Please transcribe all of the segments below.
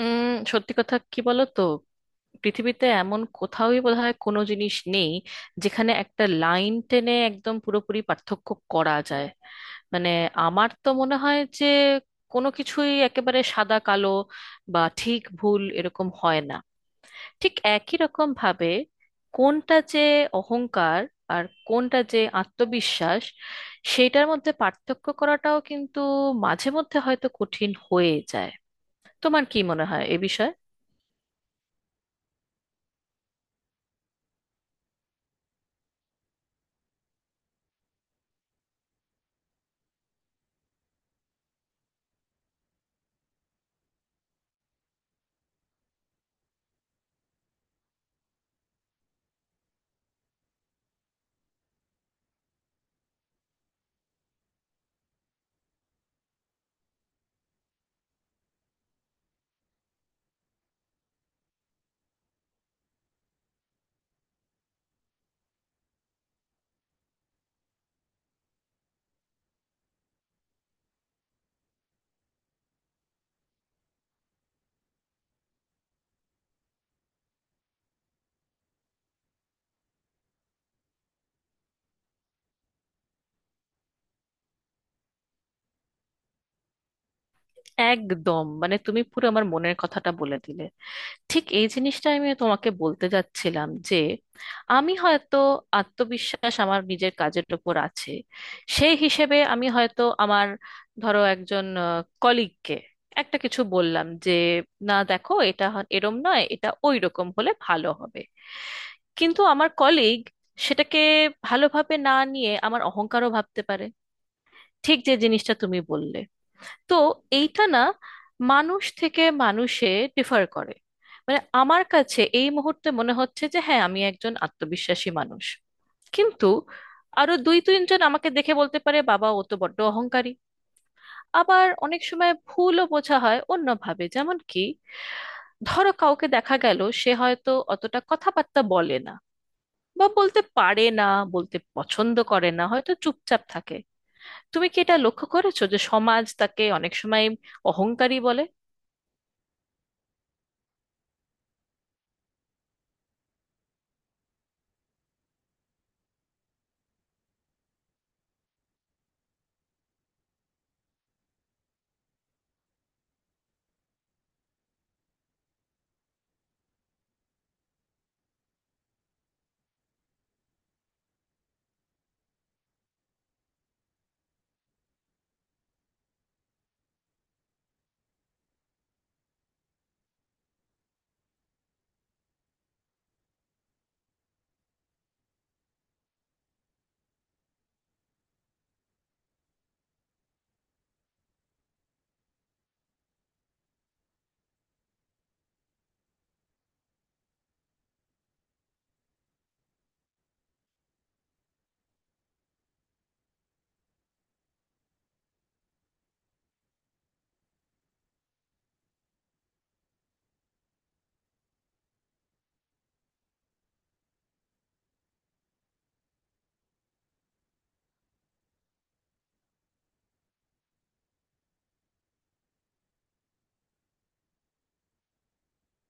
সত্যি কথা কি বলো তো? পৃথিবীতে এমন কোথাওই বোধহয় কোনো জিনিস নেই যেখানে একটা লাইন টেনে একদম পুরোপুরি পার্থক্য করা যায়। মানে আমার তো মনে হয় যে কোনো কিছুই একেবারে সাদা কালো বা ঠিক ভুল এরকম হয় না। ঠিক একই রকম ভাবে কোনটা যে অহংকার আর কোনটা যে আত্মবিশ্বাস সেইটার মধ্যে পার্থক্য করাটাও কিন্তু মাঝে মধ্যে হয়তো কঠিন হয়ে যায়। তোমার কি মনে হয় এ বিষয়ে? একদম, মানে তুমি পুরো আমার মনের কথাটা বলে দিলে। ঠিক এই জিনিসটা আমি তোমাকে বলতে যাচ্ছিলাম যে আমি হয়তো আত্মবিশ্বাস আমার নিজের কাজের উপর আছে। সেই হিসেবে আমি হয়তো আমার, ধরো একজন কলিগকে একটা কিছু বললাম যে না দেখো এটা এরম নয়, এটা ওই রকম হলে ভালো হবে। কিন্তু আমার কলিগ সেটাকে ভালোভাবে না নিয়ে আমার অহংকারও ভাবতে পারে, ঠিক যে জিনিসটা তুমি বললে। তো এইটা না, মানুষ থেকে মানুষে ডিফার করে। মানে আমার কাছে এই মুহূর্তে মনে হচ্ছে যে হ্যাঁ আমি একজন আত্মবিশ্বাসী মানুষ, কিন্তু আরো দুই তিনজন আমাকে দেখে বলতে পারে বাবা ও তো বড্ড অহংকারী। আবার অনেক সময় ভুলও বোঝা হয় অন্যভাবে, যেমন কি ধরো কাউকে দেখা গেল সে হয়তো অতটা কথাবার্তা বলে না বা বলতে পারে না, বলতে পছন্দ করে না, হয়তো চুপচাপ থাকে। তুমি কি এটা লক্ষ্য করেছো যে সমাজ তাকে অনেক সময় অহংকারী বলে?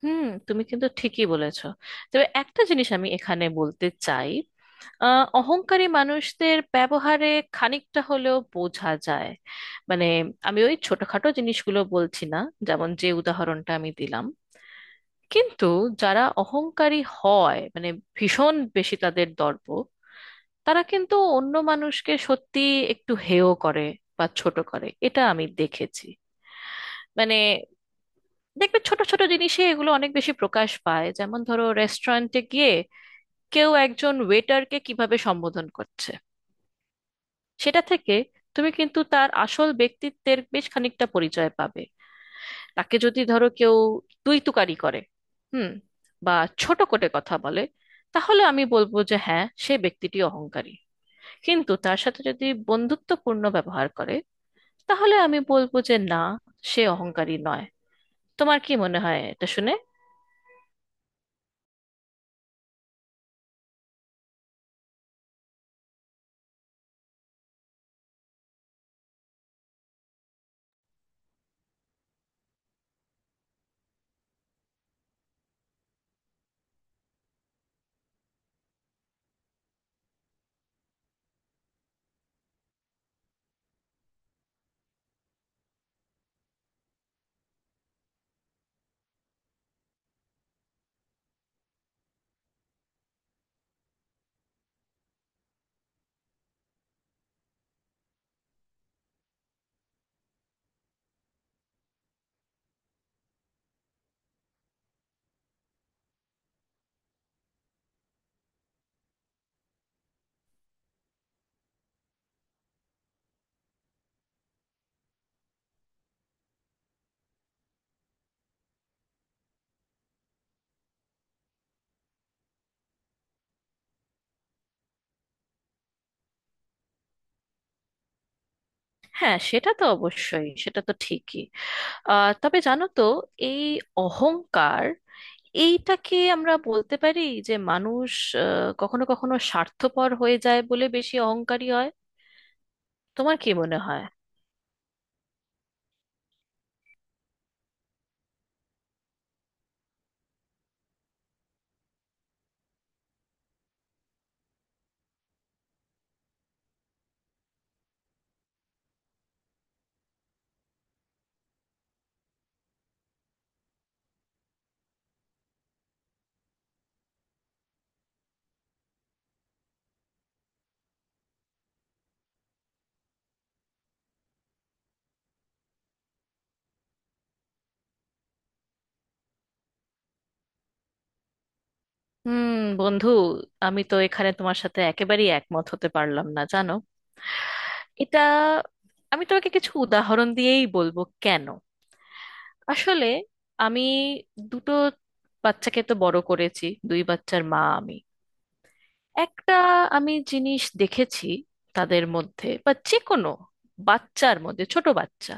হুম, তুমি কিন্তু ঠিকই বলেছো। তবে একটা জিনিস আমি এখানে বলতে চাই। অহংকারী মানুষদের ব্যবহারে খানিকটা হলেও বোঝা যায়। মানে আমি ওই ছোটখাটো জিনিসগুলো বলছি না, যেমন যে উদাহরণটা আমি দিলাম। কিন্তু যারা অহংকারী হয়, মানে ভীষণ বেশি তাদের দর্প, তারা কিন্তু অন্য মানুষকে সত্যি একটু হেয় করে বা ছোট করে, এটা আমি দেখেছি। মানে দেখবে ছোট ছোট জিনিসে এগুলো অনেক বেশি প্রকাশ পায়। যেমন ধরো রেস্টুরেন্টে কেউ একজন ওয়েটারকে কিভাবে সম্বোধন করছে, সেটা থেকে তুমি কিন্তু তার আসল ব্যক্তিত্বের বেশ খানিকটা পরিচয় পাবে। তাকে যদি ধরো কেউ তুই তুকারি করে, হুম, বা ছোট করে কথা বলে, তাহলে আমি বলবো যে হ্যাঁ সে ব্যক্তিটি অহংকারী। কিন্তু তার সাথে যদি বন্ধুত্বপূর্ণ ব্যবহার করে, তাহলে আমি বলবো যে না, সে অহংকারী নয়। তোমার কি মনে হয় এটা শুনে? হ্যাঁ সেটা তো অবশ্যই, সেটা তো ঠিকই। তবে জানো তো, এই অহংকার, এইটাকে আমরা বলতে পারি যে মানুষ কখনো কখনো স্বার্থপর হয়ে যায় বলে বেশি অহংকারী হয়। তোমার কি মনে হয়? হুম। বন্ধু, আমি তো এখানে তোমার সাথে একেবারেই একমত হতে পারলাম না, জানো। এটা, আমি তোমাকে কিছু উদাহরণ দিয়েই বলবো কেন। আসলে আমি দুটো বাচ্চাকে তো বড় করেছি, দুই বাচ্চার মা আমি। একটা আমি জিনিস দেখেছি তাদের মধ্যে বা যে কোনো বাচ্চার মধ্যে, ছোট বাচ্চা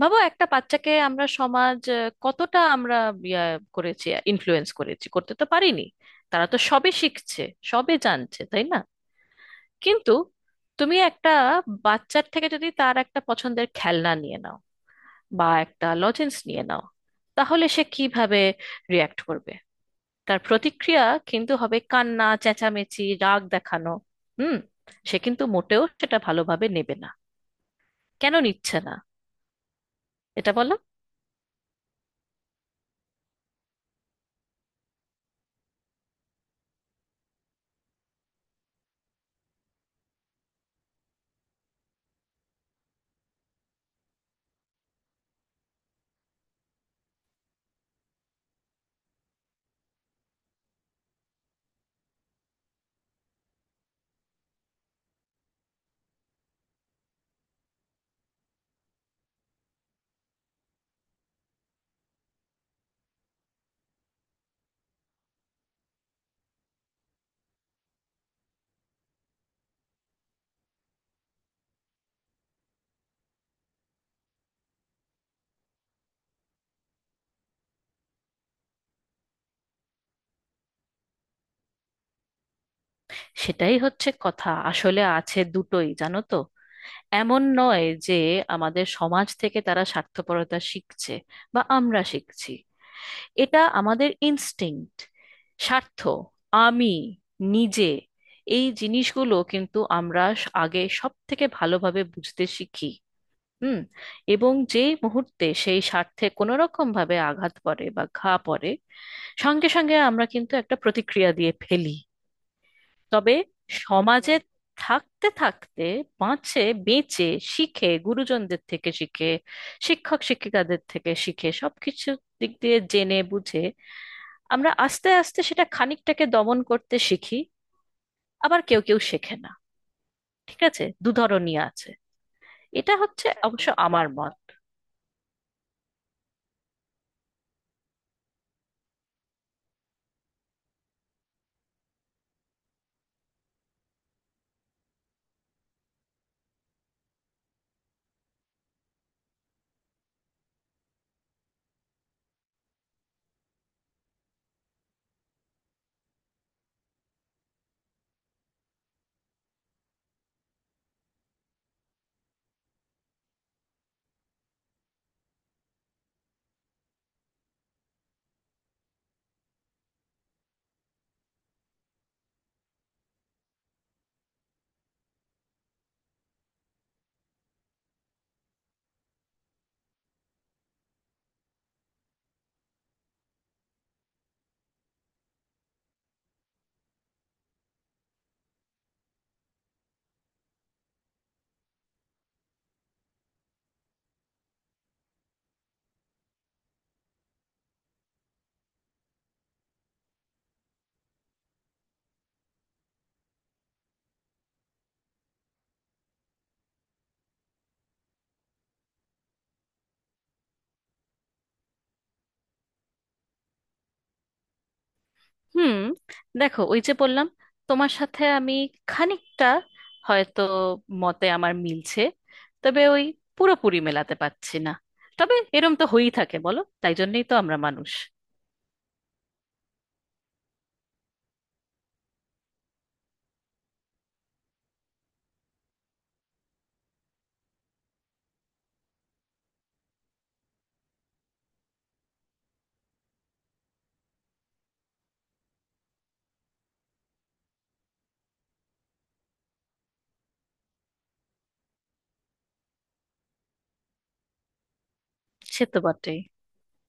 ভাবো। একটা বাচ্চাকে আমরা সমাজ কতটা আমরা ইয়া করেছি, ইনফ্লুয়েন্স করেছি, করতে তো পারিনি। তারা তো সবে শিখছে, সবে জানছে, তাই না? কিন্তু তুমি একটা বাচ্চার থেকে যদি তার একটা পছন্দের খেলনা নিয়ে নাও বা একটা লজেন্স নিয়ে নাও, তাহলে সে কিভাবে রিয়াক্ট করবে? তার প্রতিক্রিয়া কিন্তু হবে কান্না, চেঁচামেচি, রাগ দেখানো। হুম। সে কিন্তু মোটেও সেটা ভালোভাবে নেবে না। কেন নিচ্ছে না, এটা বলো। সেটাই হচ্ছে কথা, আসলে আছে দুটোই, জানো তো। এমন নয় যে আমাদের সমাজ থেকে তারা স্বার্থপরতা শিখছে বা আমরা শিখছি। এটা আমাদের ইনস্টিংক্ট, স্বার্থ। আমি নিজে এই জিনিসগুলো কিন্তু আমরা আগে সব থেকে ভালোভাবে বুঝতে শিখি। হুম। এবং যেই মুহূর্তে সেই স্বার্থে কোনো রকম ভাবে আঘাত পড়ে বা ঘা পড়ে, সঙ্গে সঙ্গে আমরা কিন্তু একটা প্রতিক্রিয়া দিয়ে ফেলি। তবে সমাজে থাকতে থাকতে, বাঁচে, বেঁচে, শিখে, গুরুজনদের থেকে শিখে, শিক্ষক শিক্ষিকাদের থেকে শিখে, সবকিছু দিক দিয়ে জেনে বুঝে আমরা আস্তে আস্তে সেটা খানিকটাকে দমন করতে শিখি। আবার কেউ কেউ শেখে না। ঠিক আছে, দুধরনই আছে। এটা হচ্ছে অবশ্য আমার মত। হুম, দেখো ওই যে বললাম, তোমার সাথে আমি খানিকটা হয়তো মতে আমার মিলছে, তবে ওই পুরোপুরি মেলাতে পারছি না। তবে এরম তো হয়েই থাকে, বলো? তাই জন্যই তো আমরা মানুষ। সে তো বটেই।